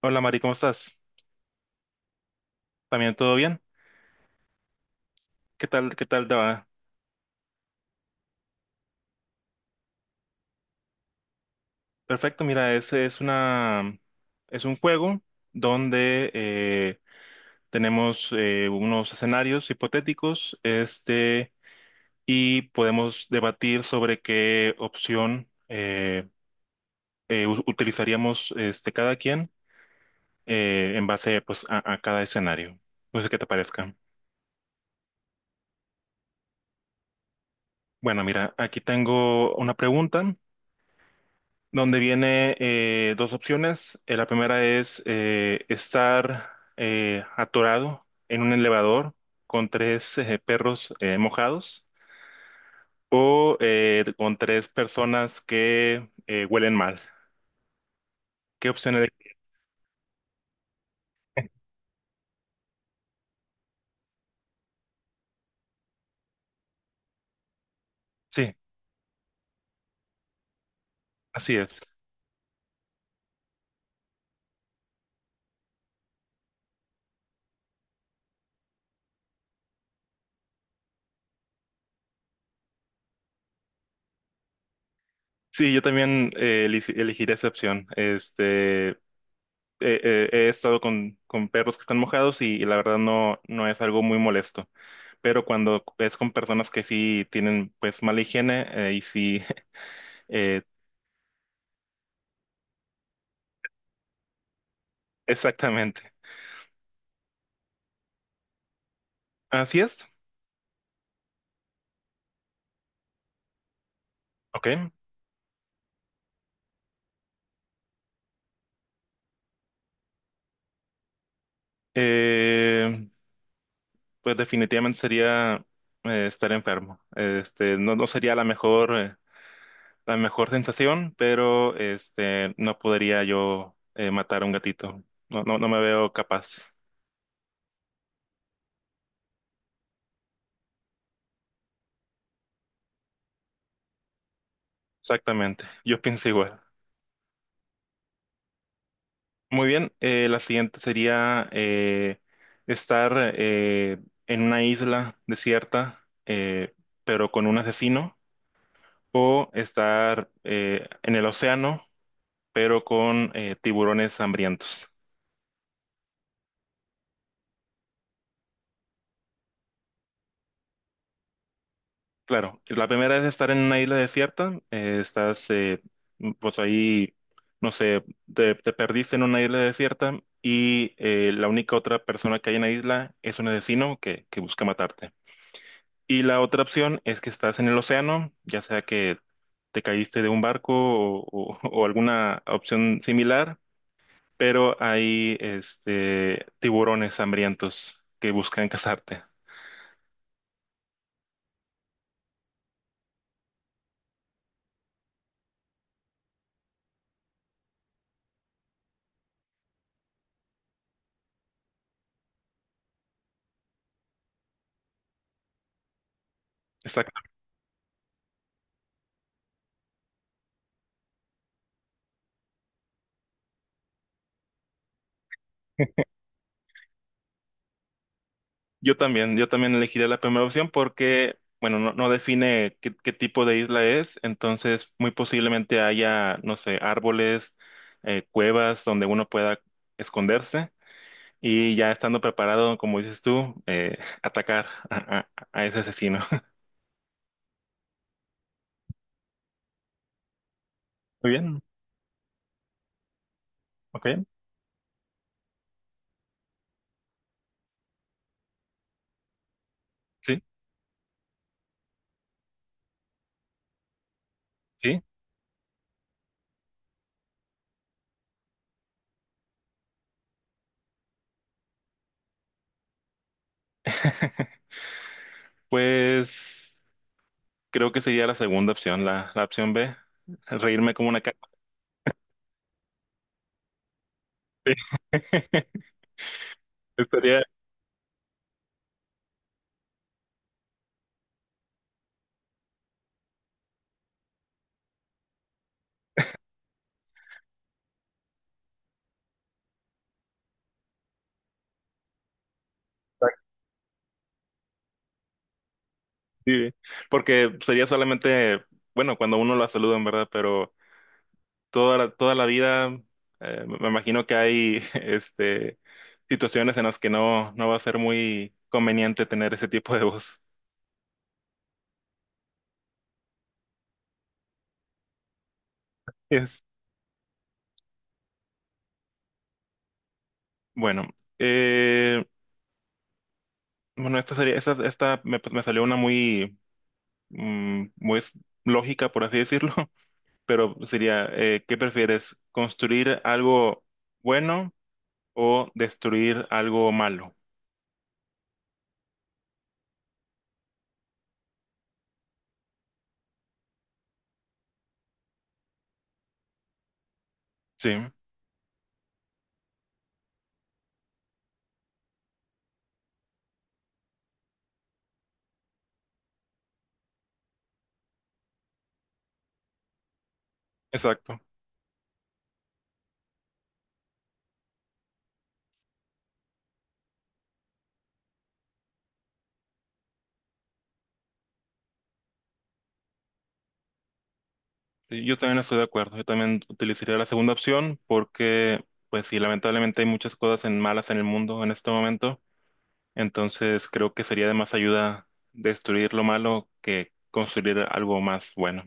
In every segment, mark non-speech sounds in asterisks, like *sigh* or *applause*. Hola Mari, ¿cómo estás? ¿También todo bien? Qué tal te va? Perfecto, mira, ese es una es un juego donde tenemos unos escenarios hipotéticos, este, y podemos debatir sobre qué opción utilizaríamos este, cada quien en base pues, a cada escenario. No sé qué te parezca. Bueno, mira, aquí tengo una pregunta donde viene dos opciones. La primera es estar atorado en un elevador con tres perros mojados o con tres personas que huelen mal. ¿Qué opción eleg- Sí, así es. Sí, yo también elegiría esa opción. Este, he estado con perros que están mojados y la verdad no, no es algo muy molesto pero cuando es con personas que sí tienen pues mala higiene y sí Eh, exactamente. Así es. Ok. Eh, pues definitivamente sería estar enfermo. Este, no, no sería la mejor sensación, pero este, no podría yo matar a un gatito. No, no, no me veo capaz. Exactamente. Yo pienso igual. Muy bien. La siguiente sería estar en una isla desierta, pero con un asesino. O estar en el océano, pero con tiburones hambrientos. Claro, la primera es estar en una isla desierta, pues ahí, no sé, te perdiste en una isla desierta y la única otra persona que hay en la isla es un asesino que busca matarte. Y la otra opción es que estás en el océano, ya sea que te caíste de un barco o *laughs* o alguna opción similar pero hay este, tiburones hambrientos que buscan cazarte. Exacto. Yo también elegiría la primera opción porque, bueno, no, no define qué, qué tipo de isla es, entonces muy posiblemente haya, no sé, árboles, cuevas donde uno pueda esconderse y ya estando preparado, como dices tú, *laughs* atacar a ese asesino. *laughs* Muy bien, ok, sí, sí. *laughs* Pues... Creo que sería la segunda opción, la opción B, reírme como una caca. *laughs* Estaría, sí, porque sería solamente, bueno, cuando uno la saluda, en verdad, pero toda la vida, me imagino que hay, *laughs* este, situaciones en las que no, no va a ser muy conveniente tener ese tipo de voz. Es, bueno, eh, bueno, esta me, me salió una muy, mm, muy lógica, por así decirlo. Pero sería, ¿qué prefieres? ¿Construir algo bueno o destruir algo malo? Sí, exacto. Sí, yo también estoy de acuerdo. Yo también utilizaría la segunda opción porque, pues sí, lamentablemente hay muchas cosas en malas en el mundo en este momento. Entonces creo que sería de más ayuda destruir lo malo que construir algo más bueno.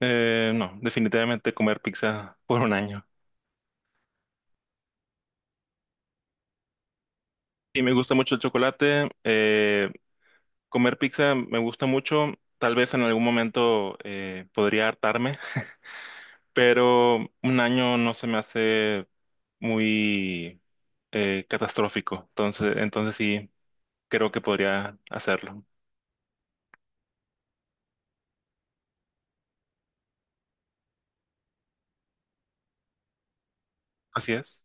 No, definitivamente comer pizza *laughs* por un año. Y me gusta mucho el chocolate. Comer pizza me gusta mucho. Tal vez en algún momento podría hartarme, *laughs* pero un año no se me hace muy catastrófico. Entonces, entonces sí, creo que podría hacerlo. Así es.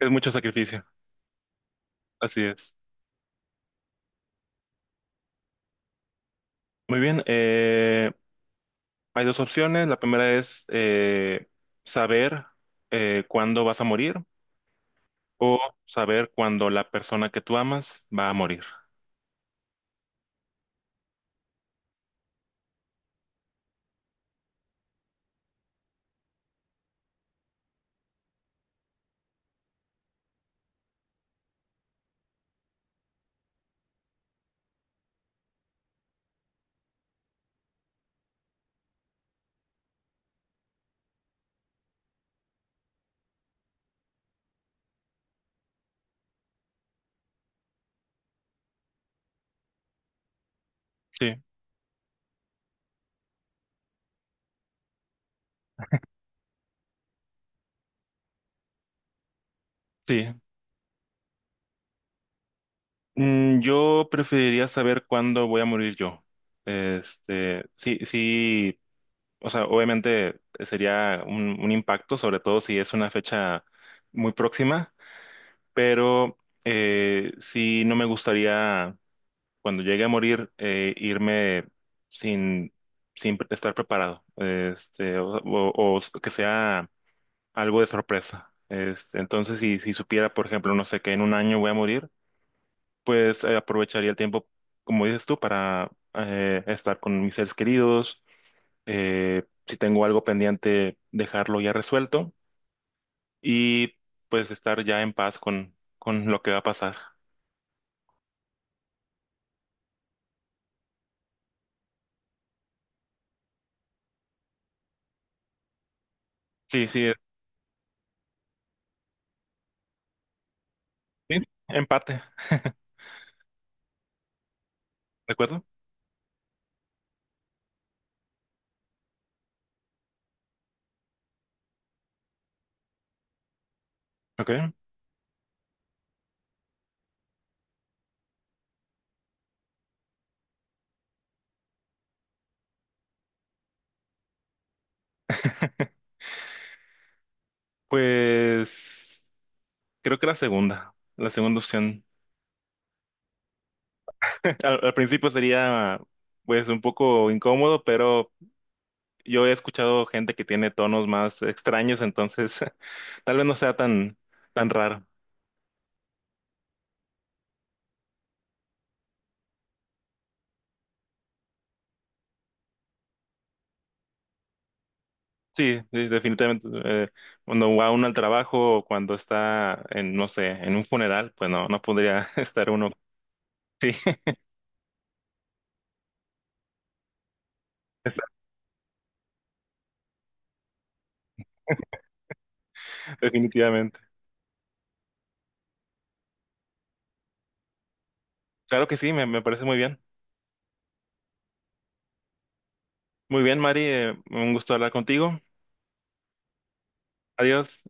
Es mucho sacrificio. Así es. Muy bien. Hay dos opciones. La primera es saber cuándo vas a morir o saber cuándo la persona que tú amas va a morir. Sí, sí. Mm, yo preferiría saber cuándo voy a morir yo. Este, sí, sí, o sea, obviamente sería un impacto, sobre todo si es una fecha muy próxima, pero sí no me gustaría cuando llegue a morir irme sin, sin estar preparado, este, o o que sea algo de sorpresa. Este, entonces, si supiera, por ejemplo, no sé, que en un año voy a morir pues aprovecharía el tiempo, como dices tú, para estar con mis seres queridos. Si tengo algo pendiente, dejarlo ya resuelto y pues estar ya en paz con lo que va a pasar. Sí, sí, sí, empate, ¿de acuerdo? Ok, pues creo que la segunda opción. *laughs* Al principio sería pues un poco incómodo, pero yo he escuchado gente que tiene tonos más extraños, entonces *laughs* tal vez no sea tan tan raro. Sí, sí, definitivamente. Cuando va uno al trabajo o cuando está en, no sé, en un funeral, pues no, no podría *laughs* estar uno. Sí, *laughs* definitivamente. Claro que sí, me parece muy bien. Muy bien, Mari, un gusto hablar contigo. Adiós.